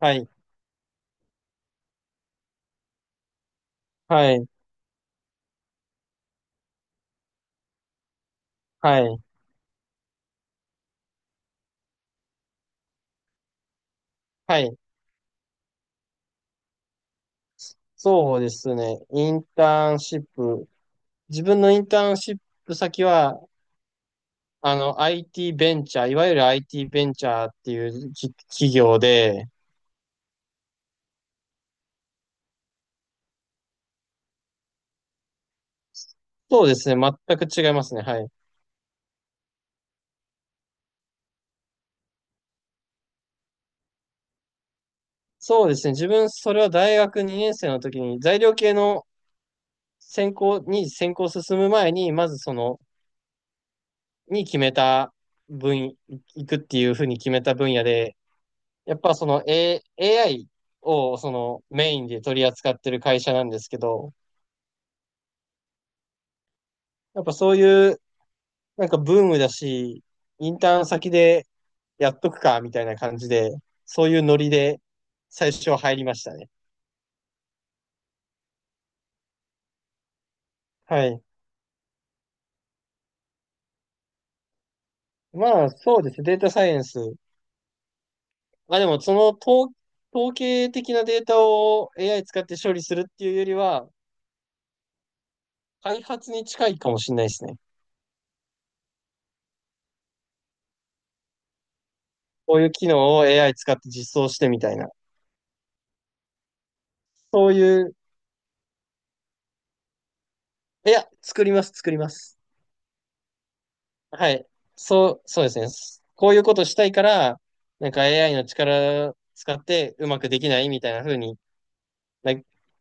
はい、はい、はい、はい。そうですね。インターンシップ。自分のインターンシップ先は、IT ベンチャー、いわゆる IT ベンチャーっていう企業で、そうですね。全く違いますね。はい。そうですね。自分、それは大学2年生の時に、材料系の専攻に進む前に、まずその、に決めた分野、行くっていうふうに決めた分野で、やっぱAI をそのメインで取り扱ってる会社なんですけど、やっぱそういうなんかブームだし、インターン先でやっとくかみたいな感じで、そういうノリで最初入りましたね。はい。まあそうですね。データサイエンス。まあでもその統計的なデータを AI 使って処理するっていうよりは、開発に近いかもしれないですね。こういう機能を AI 使って実装してみたいな。そういう、いや、作ります、作ります。はい。そうですね。こういうことしたいから、なんか AI の力使ってうまくできないみたいな風に、な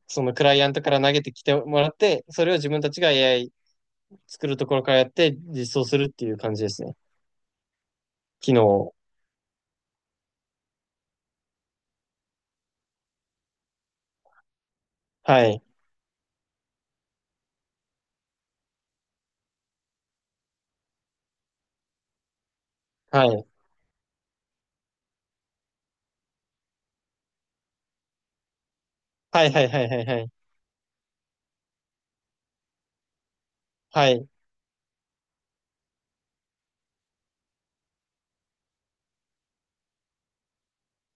そのクライアントから投げてきてもらって、それを自分たちが AI 作るところからやって実装するっていう感じですね。機能を。はい。はい。はいはいはいはいはい。はい。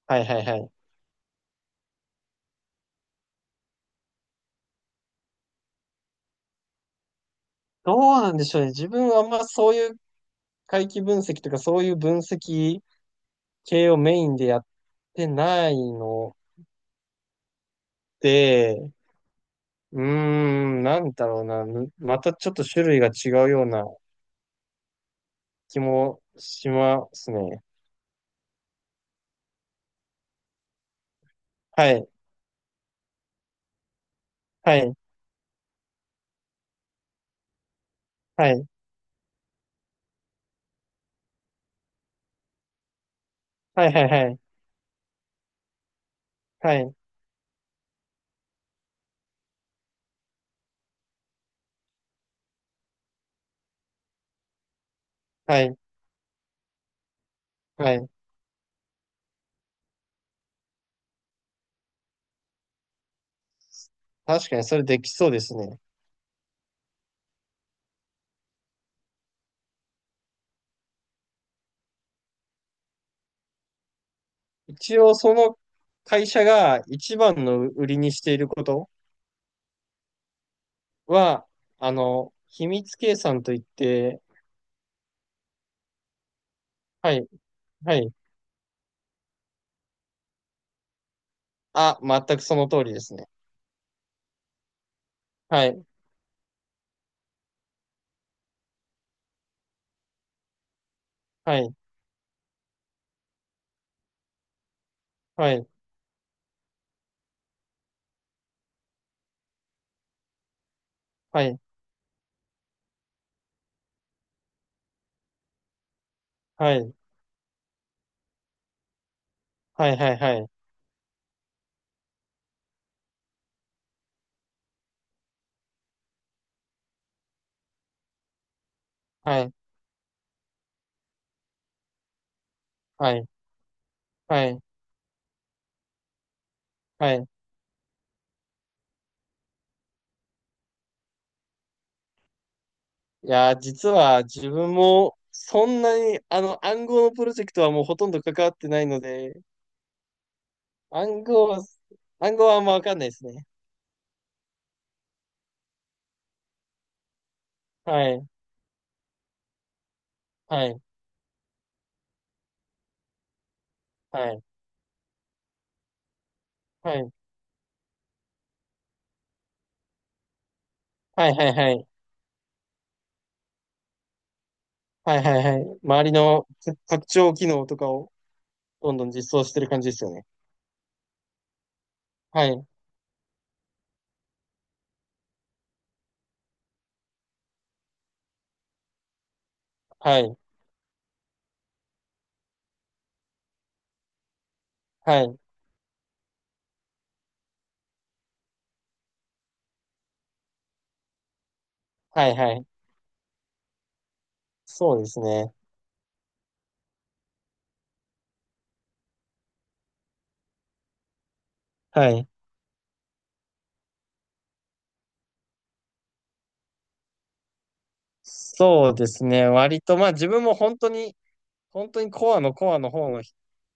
はいはいはい。どうなんでしょうね。自分はあんまそういう回帰分析とかそういう分析系をメインでやってないので、うーん、なんだろうな。また、ちょっと種類が違うような気もしますね。はい、はい、はい、はい、はい、はい、はい、はい、はい。確かにそれできそうですね。一応その会社が一番の売りにしていることは、あの、秘密計算といって、はい、はい。あ、全くその通りですね。はい、はい、はい、はい、はい、はい、はい、はい、はい、はい、はい、はい、はい。いやー、実は自分もそんなにあの暗号のプロジェクトはもうほとんど関わってないので、暗号は、暗号はあんまわかんないですね。はい、はい、はい、はい、はい、はい、はい、はい、はい、はい。周りの拡張機能とかをどんどん実装してる感じですよね。はい、はい、はい、はい、はい。そうですね。はい。そうですね。割と、まあ自分も本当に本当にコアのコアの方の、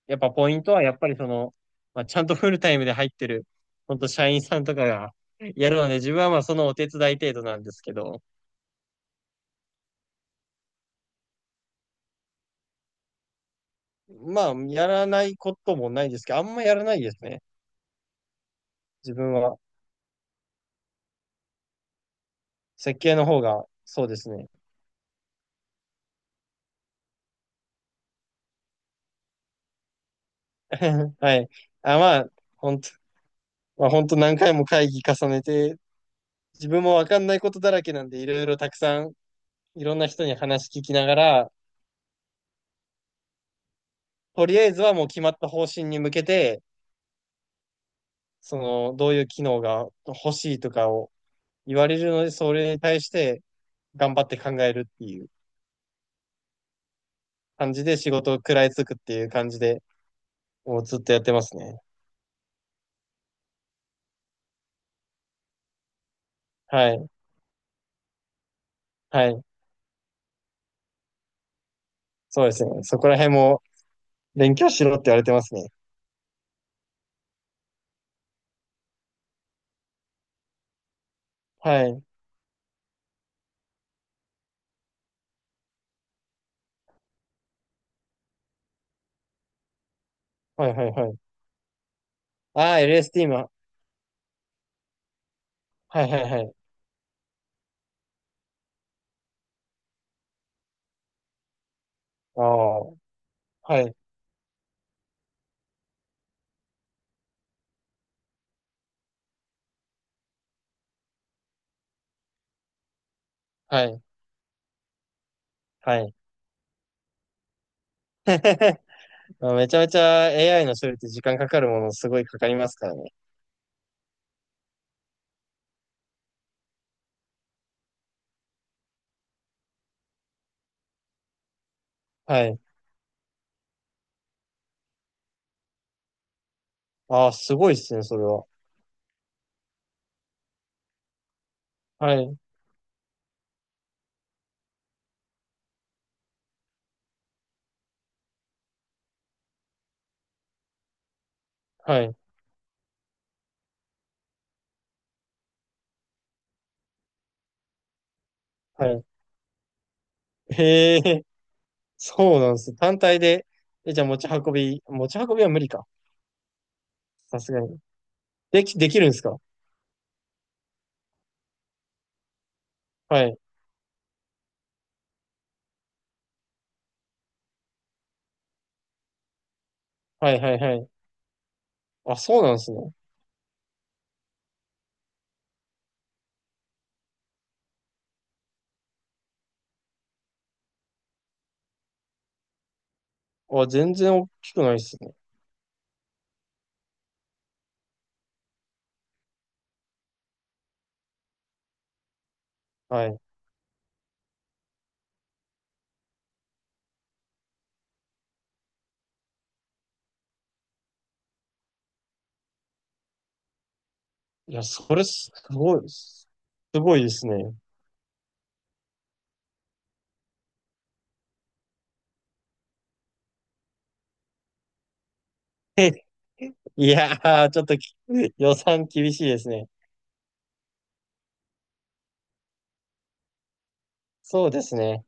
やっぱポイントはやっぱりその、まあ、ちゃんとフルタイムで入ってる、本当社員さんとかがやるので、自分はまあそのお手伝い程度なんですけど、まあやらないこともないですけど、あんまやらないですね。自分は設計の方が、そうですね。はい。あ、まあ、本当、まあ本当何回も会議重ねて、自分もわかんないことだらけなんで、いろいろたくさん、いろんな人に話聞きながら、とりあえずはもう決まった方針に向けて、その、どういう機能が欲しいとかを言われるので、それに対して頑張って考えるっていう感じで仕事を食らいつくっていう感じで、もうずっとやってますね。はい。はい。そうですね。そこら辺も勉強しろって言われてますね。はい。はいはいはい。ああ、LST も。はいはいはい。ああ、はい。はい。はい。めちゃめちゃ AI の処理って時間かかる、ものすごいかかりますからね。はい。ああ、すごいっすね、それは。はい。はい。はい。へえ。そうなんです。単体で、じゃあ持ち運びは無理か。さすがに。できるんですか？はい。はいはいはい。あ、そうなんですね。あ、全然大きくないですね。はい。いや、それすごいです。すごいですね。いやー、ちょっと予算厳しいですね。そうですね。